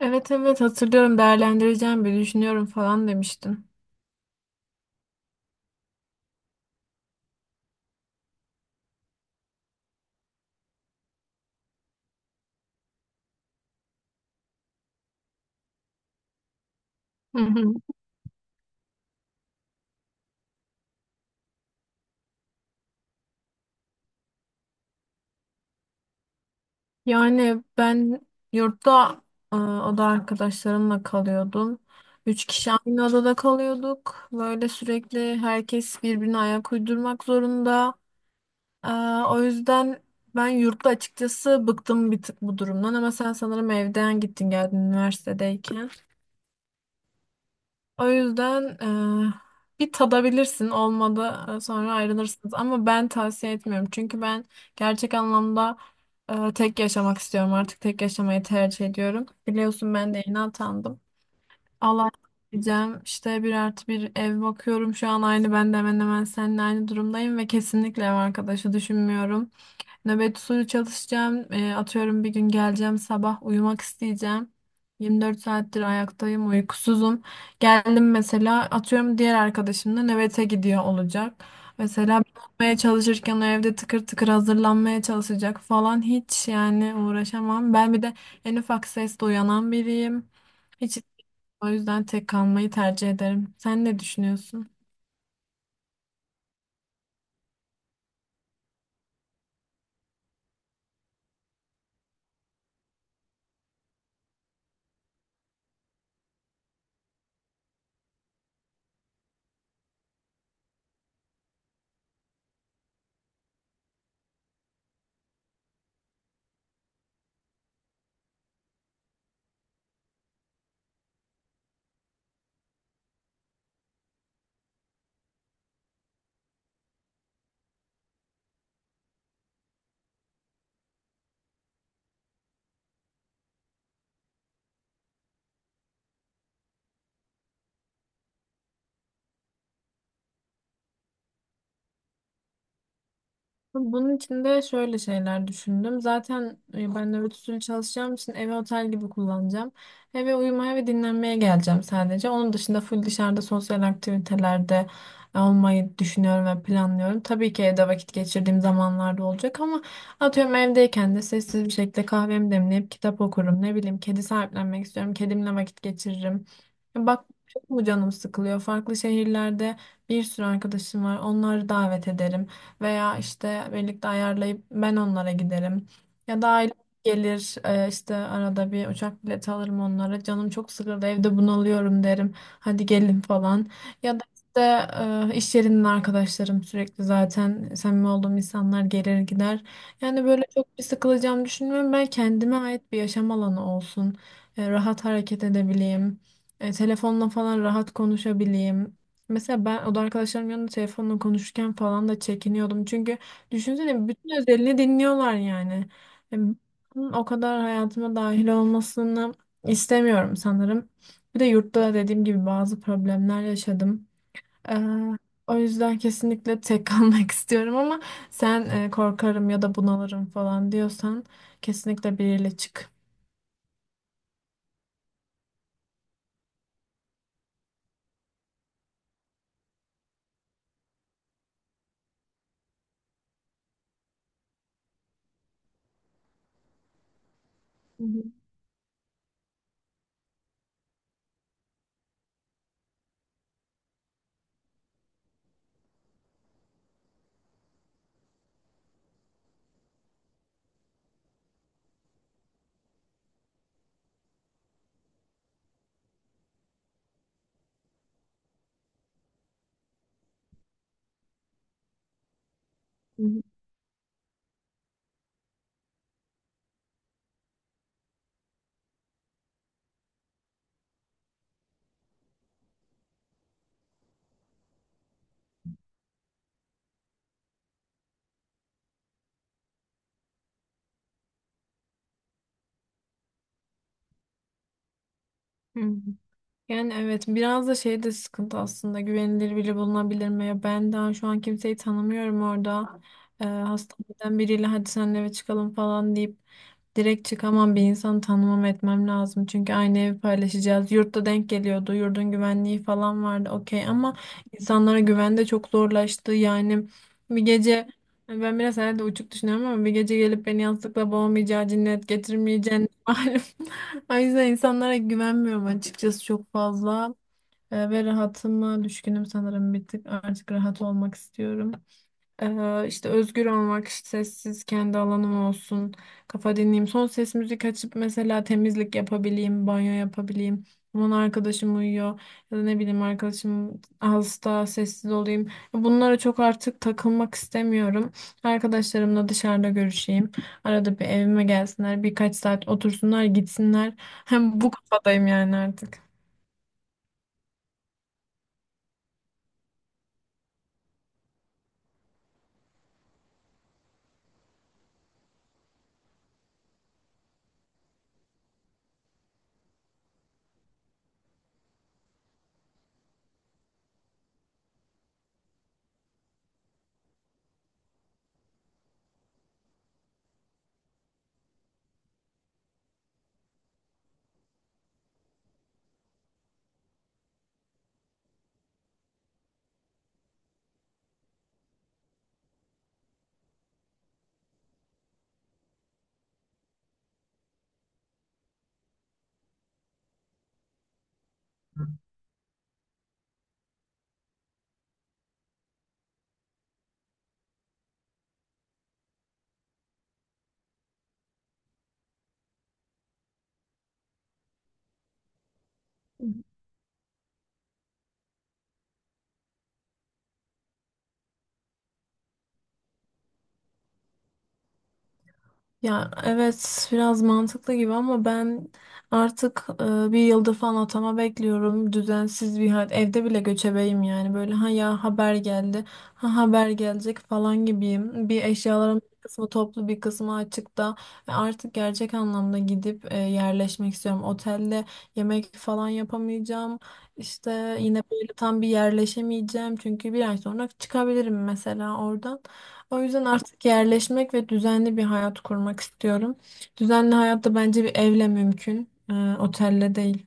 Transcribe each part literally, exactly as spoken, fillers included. Evet evet hatırlıyorum değerlendireceğim bir düşünüyorum falan demiştin. Hı hı. Yani ben yurtta e, oda arkadaşlarımla kalıyordum. Üç kişi aynı odada kalıyorduk. Böyle sürekli herkes birbirine ayak uydurmak zorunda. E, O yüzden ben yurtta açıkçası bıktım bir tık bu durumdan ama sen sanırım evden gittin geldin üniversitedeyken. O yüzden eee, bir tadabilirsin olmadı, e, sonra ayrılırsınız ama ben tavsiye etmiyorum çünkü ben gerçek anlamda e, tek yaşamak istiyorum, artık tek yaşamayı tercih ediyorum. Biliyorsun ben de yeni atandım, Allah diyeceğim işte, bir artı bir ev bakıyorum şu an. Aynı ben de hemen hemen seninle aynı durumdayım ve kesinlikle ev arkadaşı düşünmüyorum. Nöbet usulü çalışacağım. Eee, atıyorum bir gün geleceğim sabah uyumak isteyeceğim. yirmi dört saattir ayaktayım, uykusuzum. Geldim mesela, atıyorum diğer arkadaşım da nöbete gidiyor olacak. Mesela ben uyumaya çalışırken o evde tıkır tıkır hazırlanmaya çalışacak falan, hiç yani uğraşamam. Ben bir de en ufak sesle uyanan biriyim. Hiç, o yüzden tek kalmayı tercih ederim. Sen ne düşünüyorsun? Bunun için de şöyle şeyler düşündüm. Zaten e, ben nöbet usulü çalışacağım için evi otel gibi kullanacağım. Eve uyumaya ve dinlenmeye geleceğim sadece. Onun dışında full dışarıda sosyal aktivitelerde olmayı düşünüyorum ve planlıyorum. Tabii ki evde vakit geçirdiğim zamanlarda olacak ama atıyorum evdeyken de sessiz bir şekilde kahvemi demleyip kitap okurum. Ne bileyim, kedi sahiplenmek istiyorum. Kedimle vakit geçiririm. Bak çok mu canım sıkılıyor? Farklı şehirlerde bir sürü arkadaşım var. Onları davet ederim veya işte birlikte ayarlayıp ben onlara giderim. Ya da aile gelir, e, işte arada bir uçak bileti alırım onlara. Canım çok sıkıldı evde bunalıyorum derim. Hadi gelin falan. Ya da işte e, iş yerinin arkadaşlarım sürekli, zaten samimi olduğum insanlar gelir gider. Yani böyle çok bir sıkılacağımı düşünmüyorum. Ben kendime ait bir yaşam alanı olsun. E, rahat hareket edebileyim. E, telefonla falan rahat konuşabileyim. Mesela ben oda arkadaşlarım yanında telefonla konuşurken falan da çekiniyordum. Çünkü düşünsene bütün özelini dinliyorlar yani. E, Bunun o kadar hayatıma dahil olmasını istemiyorum sanırım. Bir de yurtta da dediğim gibi bazı problemler yaşadım. E, O yüzden kesinlikle tek kalmak istiyorum ama sen e, korkarım ya da bunalırım falan diyorsan kesinlikle biriyle çık. Hı hı, hı hı, hı hı. Yani evet, biraz da şey de sıkıntı aslında, güvenilir biri bulunabilir mi? Ya ben daha şu an kimseyi tanımıyorum orada. Ee, hastaneden biriyle hadi senle eve çıkalım falan deyip direkt çıkamam, bir insanı tanımam etmem lazım. Çünkü aynı evi paylaşacağız. Yurtta denk geliyordu. Yurdun güvenliği falan vardı, okey, ama insanlara güven de çok zorlaştı. Yani bir gece, ben biraz herhalde uçuk düşünüyorum ama, bir gece gelip beni yastıkla boğmayacağı, cinnet getirmeyeceğini malum. O yüzden insanlara güvenmiyorum açıkçası çok fazla. Ee, ve rahatıma düşkünüm sanırım bir tık. Artık rahat olmak istiyorum. Ee, işte özgür olmak, işte sessiz kendi alanım olsun, kafa dinleyeyim. Son ses müzik açıp mesela temizlik yapabileyim, banyo yapabileyim. Aman arkadaşım uyuyor, ya da ne bileyim arkadaşım hasta, sessiz olayım. Bunlara çok artık takılmak istemiyorum. Arkadaşlarımla dışarıda görüşeyim. Arada bir evime gelsinler, birkaç saat otursunlar, gitsinler. Hem bu kafadayım yani artık. Ya evet, biraz mantıklı gibi ama ben artık, e, bir yıldır falan atama bekliyorum. Düzensiz bir hayat. Evde bile göçebeyim yani. Böyle ha ya haber geldi, ha haber gelecek falan gibiyim. Bir eşyaların bir kısmı toplu, bir kısmı açıkta. Ve artık gerçek anlamda gidip e, yerleşmek istiyorum. Otelde yemek falan yapamayacağım. İşte yine böyle tam bir yerleşemeyeceğim. Çünkü bir ay sonra çıkabilirim mesela oradan. O yüzden artık yerleşmek ve düzenli bir hayat kurmak istiyorum. Düzenli hayat da bence bir evle mümkün, e, otelle değil.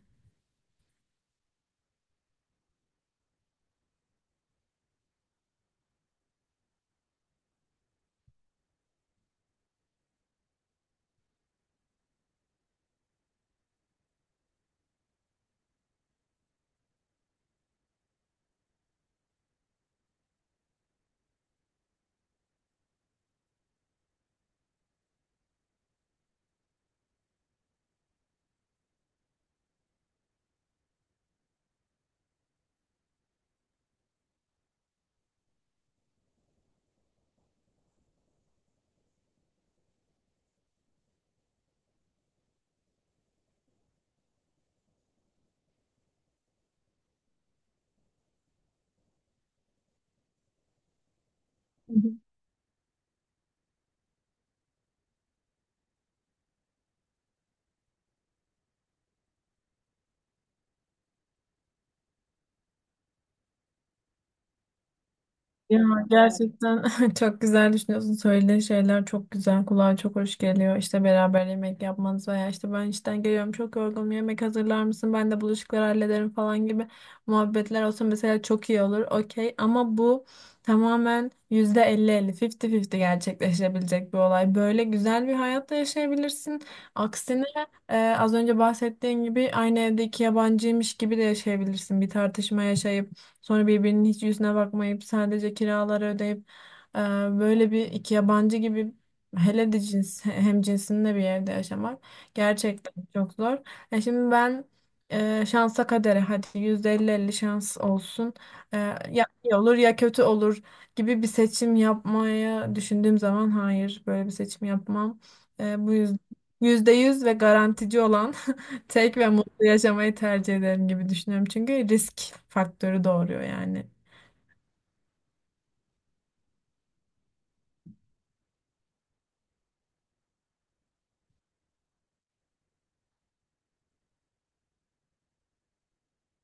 Ya gerçekten çok güzel düşünüyorsun. Söylediğin şeyler çok güzel. Kulağa çok hoş geliyor. İşte beraber yemek yapmanız veya işte ben işten geliyorum çok yorgunum yemek hazırlar mısın, ben de bulaşıkları hallederim falan gibi muhabbetler olsa mesela çok iyi olur. Okey, ama bu tamamen yüzde elli elli, 50-50 gerçekleşebilecek bir olay. Böyle güzel bir hayatta yaşayabilirsin. Aksine, e, az önce bahsettiğin gibi aynı evde iki yabancıymış gibi de yaşayabilirsin. Bir tartışma yaşayıp sonra birbirinin hiç yüzüne bakmayıp sadece kiraları ödeyip, e, böyle bir iki yabancı gibi, hele de cins hem cinsinde bir yerde yaşamak gerçekten çok zor. E şimdi ben, e, şansa kadere hadi yüzde elli elli şans olsun, E, ya iyi olur ya kötü olur gibi bir seçim yapmaya düşündüğüm zaman hayır, böyle bir seçim yapmam. E, bu yüzden yüzde yüz ve garantici olan tek ve mutlu yaşamayı tercih ederim gibi düşünüyorum. Çünkü risk faktörü doğuruyor yani.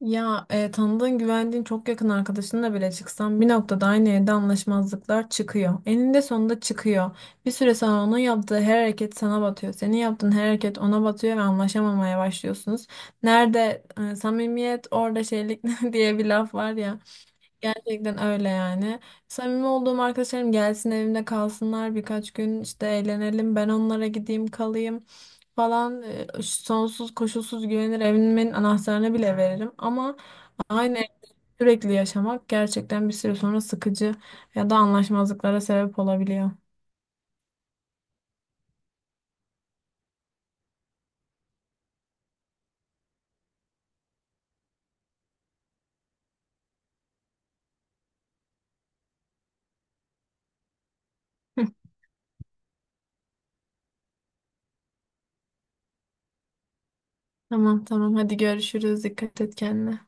Ya e, tanıdığın, güvendiğin çok yakın arkadaşınla bile çıksan bir noktada aynı evde anlaşmazlıklar çıkıyor. Eninde sonunda çıkıyor. Bir süre sonra onun yaptığı her hareket sana batıyor. Senin yaptığın her hareket ona batıyor ve anlaşamamaya başlıyorsunuz. Nerede e, samimiyet orada şeylik diye bir laf var ya. Gerçekten öyle yani. Samimi olduğum arkadaşlarım gelsin evimde kalsınlar birkaç gün, işte eğlenelim ben onlara gideyim kalayım falan. Ee, sonsuz koşulsuz güvenir, evimin anahtarını bile veririm ama aynı evde sürekli yaşamak gerçekten bir süre sonra sıkıcı ya da anlaşmazlıklara sebep olabiliyor. Tamam tamam hadi görüşürüz, dikkat et kendine.